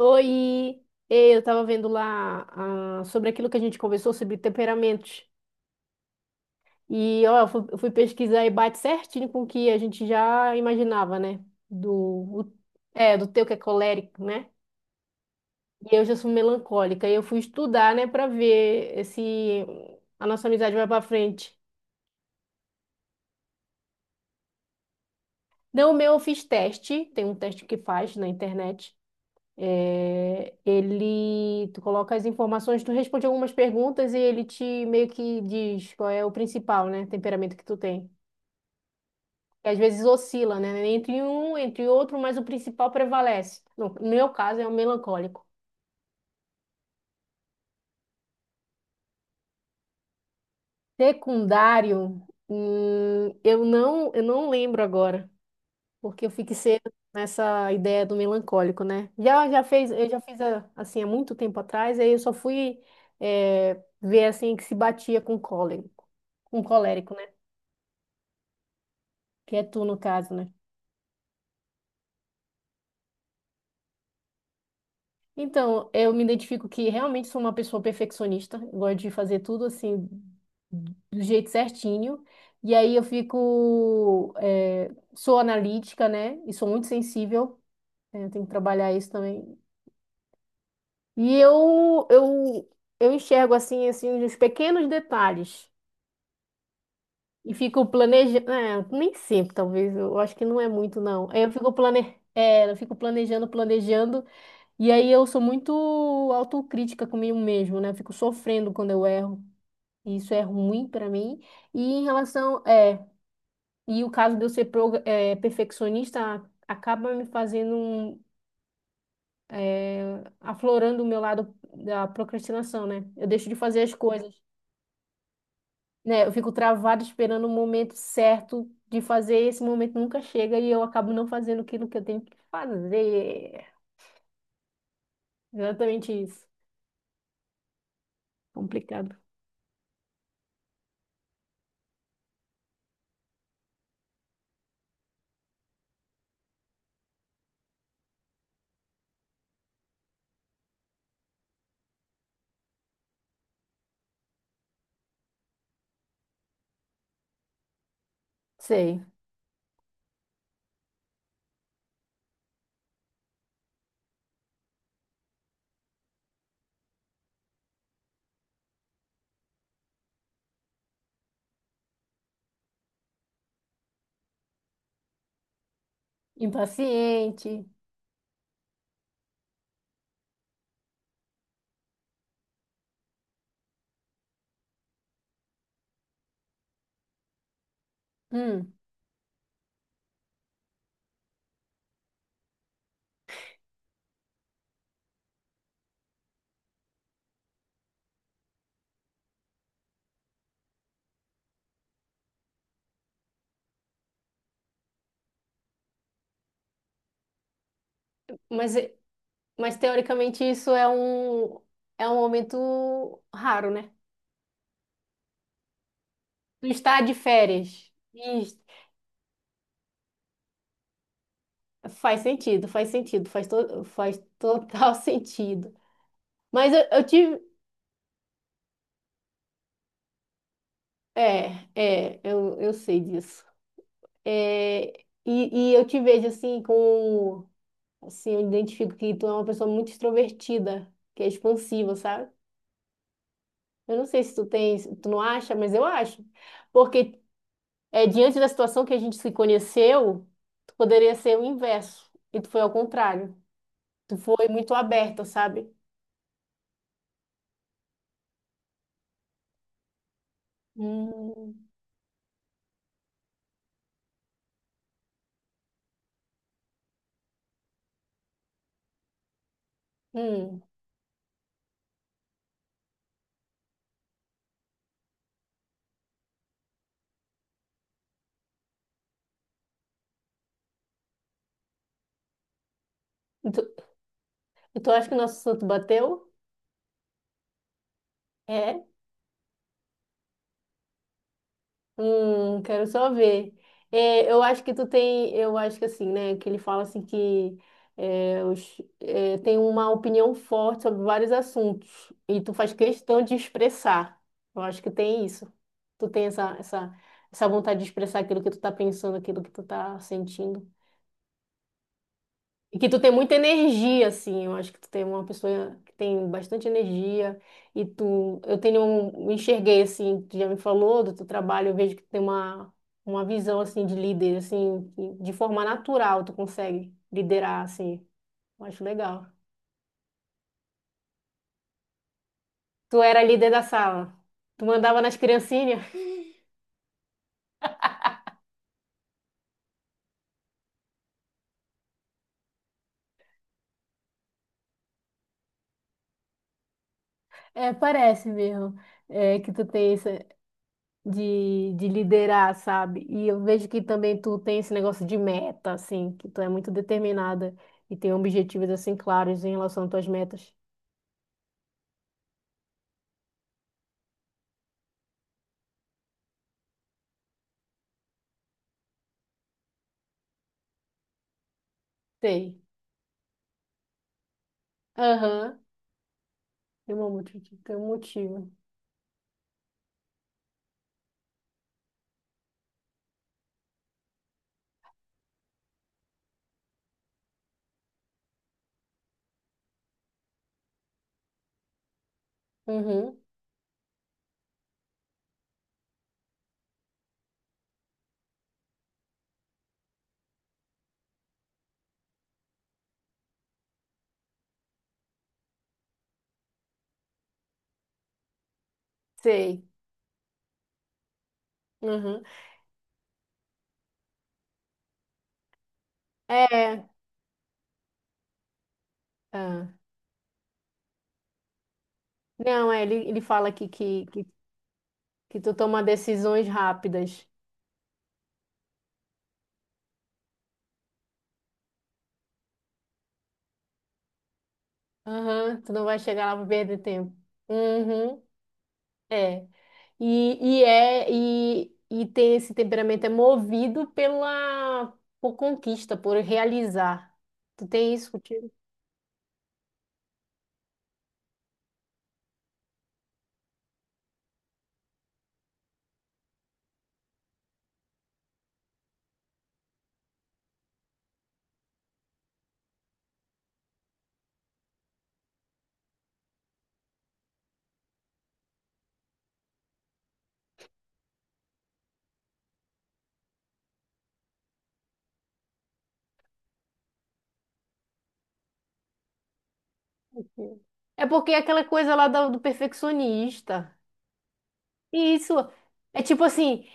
Oi. Ei, eu tava vendo lá sobre aquilo que a gente conversou sobre temperamentos. E ó, eu fui pesquisar e bate certinho com o que a gente já imaginava, né? Do, o- do teu que é colérico, né? E eu já sou melancólica. E eu fui estudar, né, pra ver se a nossa amizade vai pra frente. Não, o meu eu fiz teste, tem um teste que faz na internet. É, ele, tu coloca as informações, tu responde algumas perguntas e ele te meio que diz qual é o principal, né, temperamento que tu tem. Que às vezes oscila, né, entre um, entre outro, mas o principal prevalece. No meu caso é o melancólico. Secundário, eu não lembro agora. Porque eu fico cedo nessa ideia do melancólico, né? Eu já fiz assim há muito tempo atrás, aí eu só fui ver assim que se batia com cólico, com colérico, né? Que é tu no caso, né? Então, eu me identifico que realmente sou uma pessoa perfeccionista, eu gosto de fazer tudo assim do jeito certinho. E aí eu fico, sou analítica, né? E sou muito sensível. Né? Eu tenho que trabalhar isso também. E eu, eu, eu enxergo assim, assim, os pequenos detalhes. E fico planejando. É, nem sempre, talvez. Eu acho que não é muito, não. Aí eu fico eu fico planejando, planejando. E aí eu sou muito autocrítica comigo mesmo, né? Eu fico sofrendo quando eu erro. E isso é ruim pra mim. E em relação. É, e o caso de eu ser perfeccionista acaba me fazendo aflorando o meu lado da procrastinação, né? Eu deixo de fazer as coisas. Né? Eu fico travada esperando o momento certo de fazer, e esse momento nunca chega e eu acabo não fazendo aquilo que eu tenho que fazer. Exatamente isso. Complicado. Sei. Impaciente. Hum. Mas, mas teoricamente é um momento raro, né? Tu está de férias. Isso. Faz sentido, faz sentido, faz total sentido. Mas eu tive. É, é, eu sei disso. É, e eu te vejo assim com, assim, eu identifico que tu é uma pessoa muito extrovertida, que é expansiva, sabe? Eu não sei se tu tens, tu não acha, mas eu acho. Porque é, diante da situação que a gente se conheceu, tu poderia ser o inverso, e tu foi ao contrário. Tu foi muito aberta, sabe? Hum, hum. E tu, e tu acha que o nosso santo bateu? É. Quero só ver. É, eu acho que tu tem, eu acho que assim, né, que ele fala assim que é, tem uma opinião forte sobre vários assuntos e tu faz questão de expressar. Eu acho que tem isso. Tu tem essa, essa, essa vontade de expressar aquilo que tu tá pensando, aquilo que tu tá sentindo. E que tu tem muita energia, assim. Eu acho que tu tem uma pessoa que tem bastante energia. E tu, eu tenho, me enxerguei, assim, tu já me falou do teu trabalho, eu vejo que tu tem uma visão, assim, de líder, assim, que de forma natural tu consegue liderar, assim. Eu acho legal. Tu era líder da sala. Tu mandava nas criancinhas. É, parece mesmo, é, que tu tem isso, de liderar, sabe? E eu vejo que também tu tem esse negócio de meta, assim, que tu é muito determinada e tem objetivos, assim, claros em relação às tuas metas. Sei. Aham. Tem um motivo. Tem um motivo. Uhum. Sei. Uhum. É. Ah. Não, é, ele fala aqui que tu toma decisões rápidas. Aham. Tu não vai chegar lá pra perder tempo. Uhum. É. E tem esse temperamento é movido pela por conquista, por realizar. Tu tem isso contigo? É porque é aquela coisa lá do, do perfeccionista. E isso é tipo assim,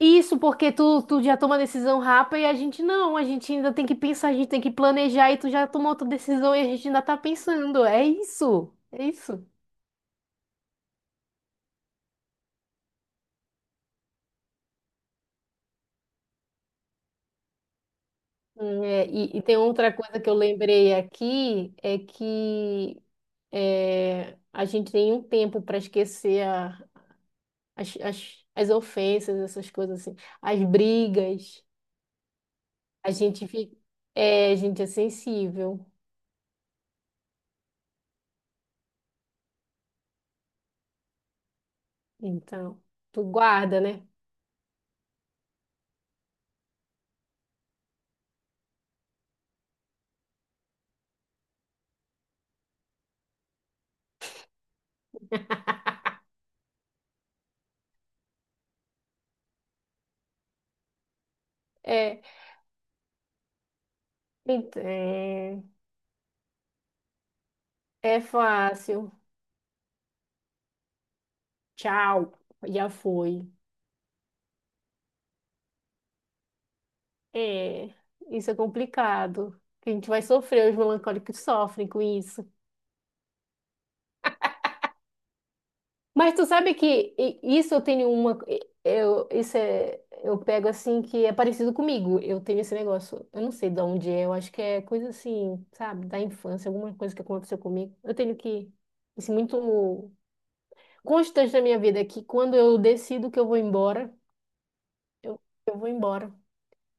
isso porque tu, tu já toma decisão rápida e a gente não, a gente ainda tem que pensar, a gente tem que planejar e tu já tomou outra decisão e a gente ainda tá pensando. É isso, é isso. É, e tem outra coisa que eu lembrei aqui, é que é, a gente tem um tempo para esquecer as, as ofensas, essas coisas assim, as brigas. A gente fica, é, a gente é sensível. Então, tu guarda, né? É, é, é fácil. Tchau, já foi. É, isso é complicado. A gente vai sofrer, os melancólicos sofrem com isso. Mas tu sabe que isso eu tenho uma. Eu, isso é. Eu pego assim que é parecido comigo. Eu tenho esse negócio. Eu não sei de onde é. Eu acho que é coisa assim, sabe? Da infância, alguma coisa que aconteceu comigo. Eu tenho que. Isso é muito constante na minha vida é que quando eu decido que eu vou embora, eu, eu vou embora.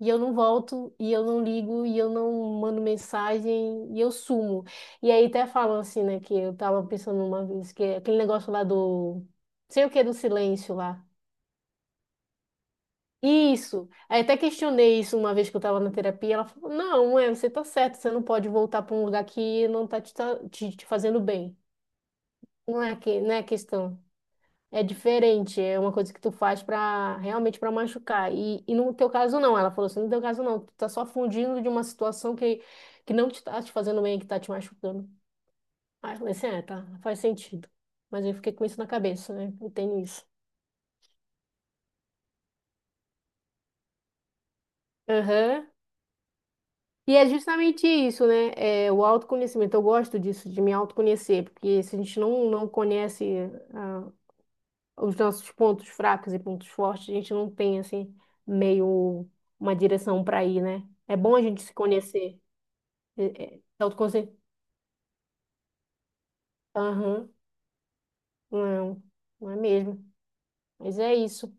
E eu não volto, e eu não ligo, e eu não mando mensagem, e eu sumo. E aí até falam assim, né, que eu tava pensando uma vez, que é aquele negócio lá do, sei o que, do silêncio lá. Isso. Aí até questionei isso uma vez que eu tava na terapia, ela falou, não, é, você tá certo, você não pode voltar para um lugar que não tá te, te fazendo bem. Não é que, não é questão. É diferente, é uma coisa que tu faz pra realmente pra machucar. E no teu caso não, ela falou assim, no teu caso não, tu tá só fugindo de uma situação que não te tá te fazendo bem, que tá te machucando. Aí eu falei assim, é, tá, faz sentido. Mas eu fiquei com isso na cabeça, né? Eu tenho isso. Aham. E é justamente isso, né? É, o autoconhecimento. Eu gosto disso, de me autoconhecer, porque se a gente não, não conhece os nossos pontos fracos e pontos fortes, a gente não tem assim meio uma direção para ir, né? É bom a gente se conhecer. É, é, autoconhe- Aham, não, não é mesmo. Mas é isso.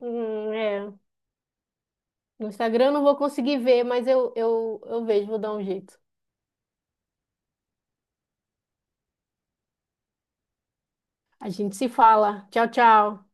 É. No Instagram eu não vou conseguir ver, mas eu vejo, vou dar um jeito. A gente se fala. Tchau, tchau.